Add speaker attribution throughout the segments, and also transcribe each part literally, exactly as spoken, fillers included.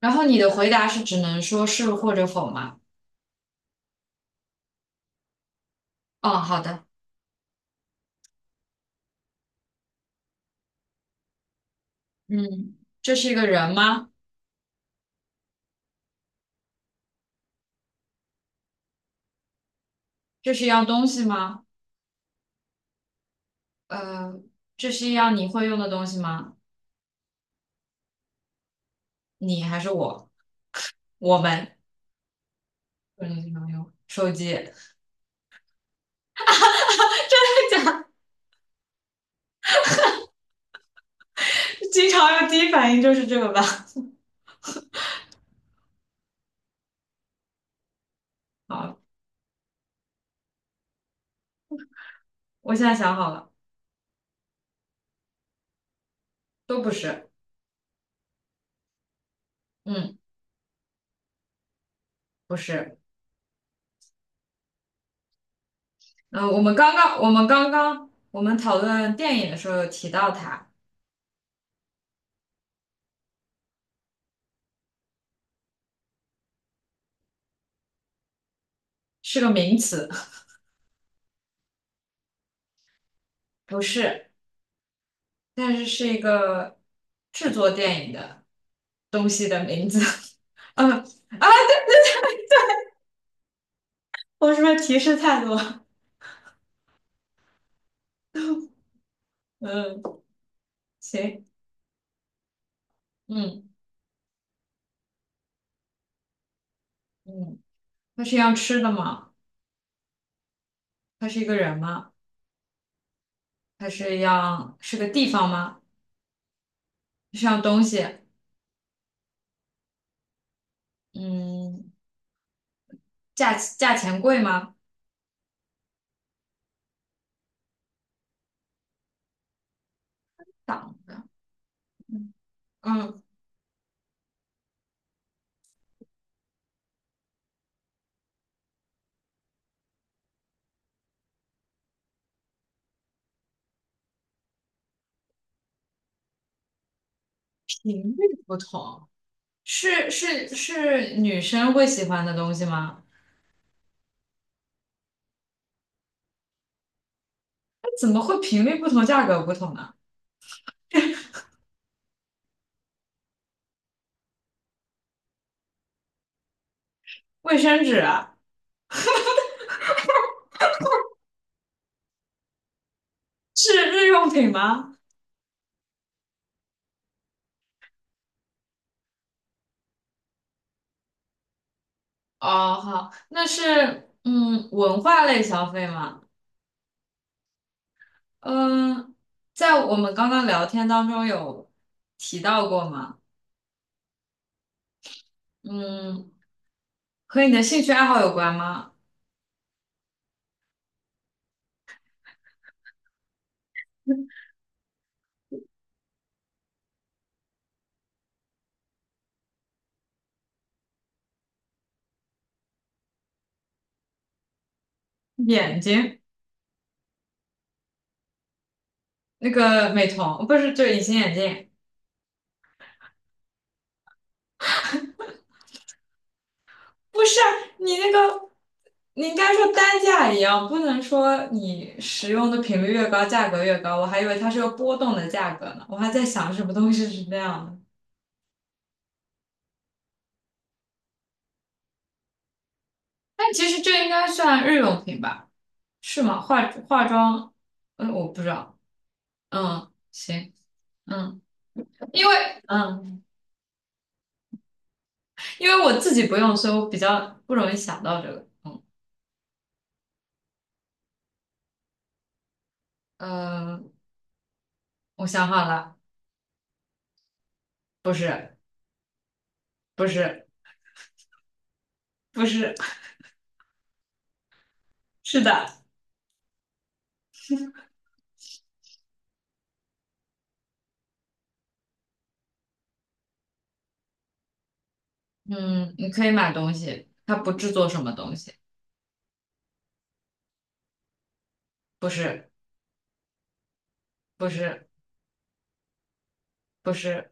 Speaker 1: 然后你的回答是只能说是或者否吗？哦，好的，嗯，这是一个人吗？这是一样东西吗？呃，这是一样你会用的东西吗？你还是我？我们？我们经常用手机，真的假的经常用第一反应就是这个吧？好，我现在想好了，都不是，嗯，不是，嗯、我们刚刚，我们刚刚我们讨论电影的时候有提到它，是个名词，不是。但是是一个制作电影的东西的名字。嗯啊，我是不是提示太多？嗯，行，嗯嗯，它是要吃的吗？它是一个人吗？它是要是个地方吗？是样东西？嗯，价价钱贵吗？档的，嗯嗯，频率不同，是是是女生会喜欢的东西吗？那怎么会频率不同，价格不同呢？卫生纸啊？是日用品吗？哦，好，那是嗯文化类消费吗？嗯，在我们刚刚聊天当中有提到过吗？嗯，和你的兴趣爱好有关吗？眼睛，那个美瞳，不是，就隐形眼镜，不是你那个，你应该说单价一样，不能说你使用的频率越高，价格越高。我还以为它是个波动的价格呢，我还在想什么东西是那样的。但其实这应该算日用品吧？是吗？化化妆，嗯，我不知道。嗯，行，嗯，因为嗯，因为我自己不用，所以我比较不容易想到这个。嗯，呃，我想好了，不是，不是，不是，是的。嗯，你可以买东西，它不制作什么东西，不是，不是，不是，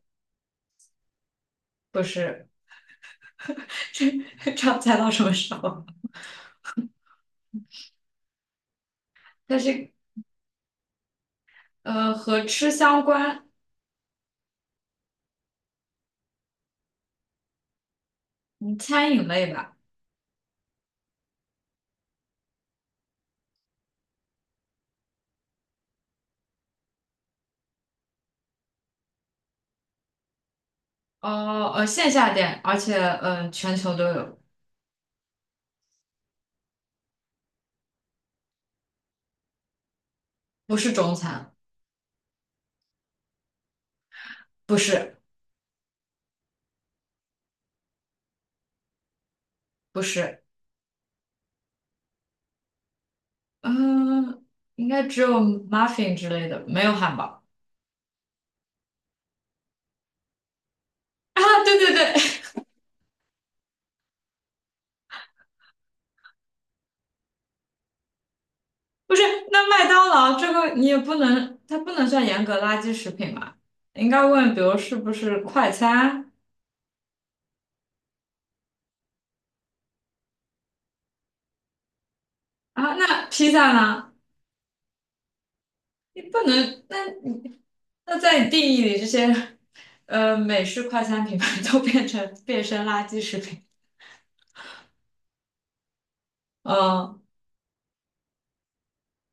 Speaker 1: 不是，这这要猜到什么时候？它是呃和吃相关，嗯餐饮类吧。哦，呃，线下店，而且呃，全球都有，不是中餐，不是，不是，嗯、应该只有 muffin 之类的，没有汉堡啊，对对对，不是，那麦当劳这个你也不能，它不能算严格垃圾食品嘛，应该问，比如是不是快餐啊？那披萨呢？你不能，那你那在你定义里，这些呃美式快餐品牌都变成变身垃圾食品，嗯、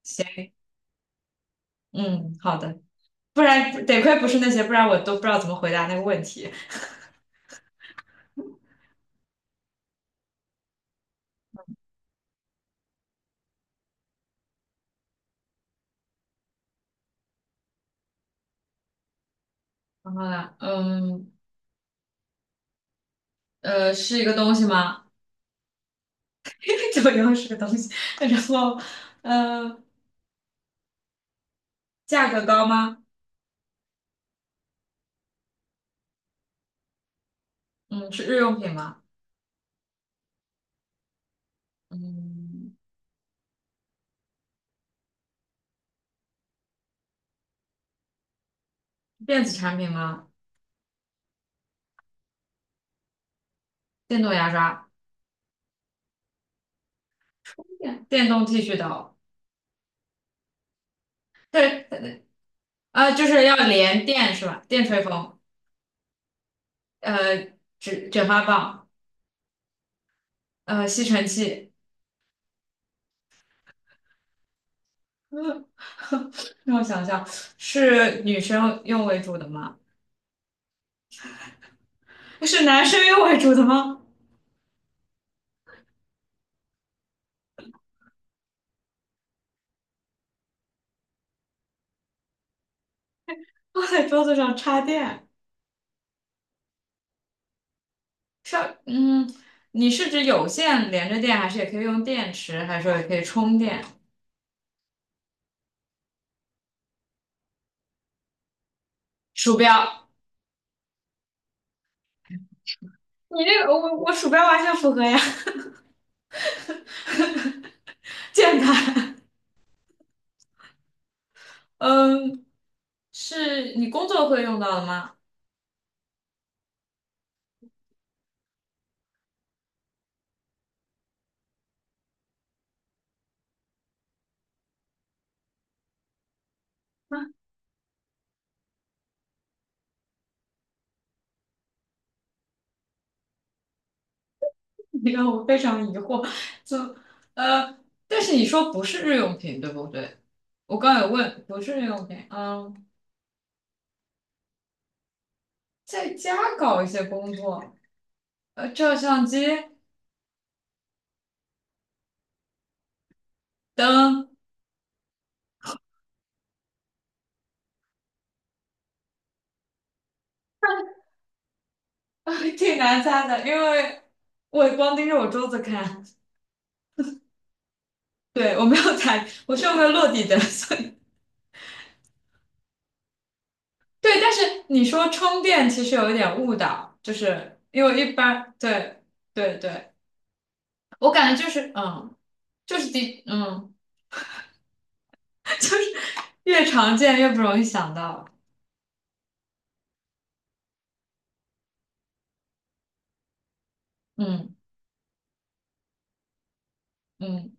Speaker 1: 行，嗯，好的。不然得亏不是那些，不然我都不知道怎么回答那个问题。然后呢，嗯呃，是一个东西吗？九又是个东西。然后，呃，价格高吗？嗯，是日用品吗？嗯，电子产品吗？电动牙刷、电电动剃须刀，对，呃，就是要连电是吧？电吹风，呃，卷卷发棒，呃，吸尘器。让我想想，是女生用为主的吗？是男生用为主的吗？放在桌子上插电，插，嗯，你是指有线连着电，还是也可以用电池，还是说也可以充电？鼠标，你这个我我鼠标完全符合呀，键盘，嗯，是你工作会用到的吗？你让我非常疑惑，就呃，但是你说不是日用品，对不对？我刚有问，不是日用品，嗯，在家搞一些工作，呃，照相机、灯。挺难猜的，因为我光盯着我桌子看，对，我没有猜，我是用个落地的，所以对。但是你说充电其实有一点误导，就是因为一般，对对对，我感觉就是嗯，就是第嗯，越常见越不容易想到，嗯嗯。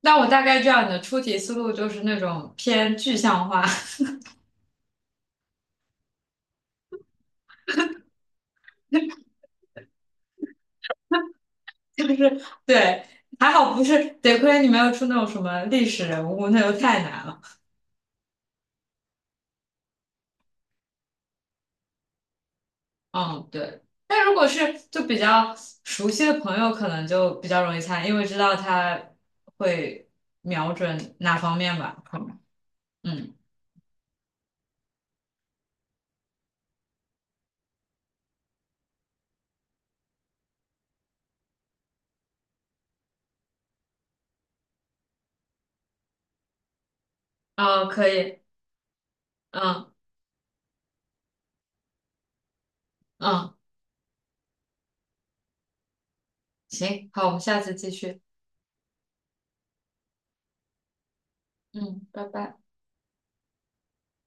Speaker 1: 那我大概知道你的出题思路就是那种偏具象化，就是对，还好不是，得亏你没有出那种什么历史人物，那就太难了。嗯，对。但如果是就比较熟悉的朋友，可能就比较容易猜，因为知道他会瞄准哪方面吧，可能嗯，哦，可以，嗯嗯，行，好，我们下次继续。嗯，拜拜。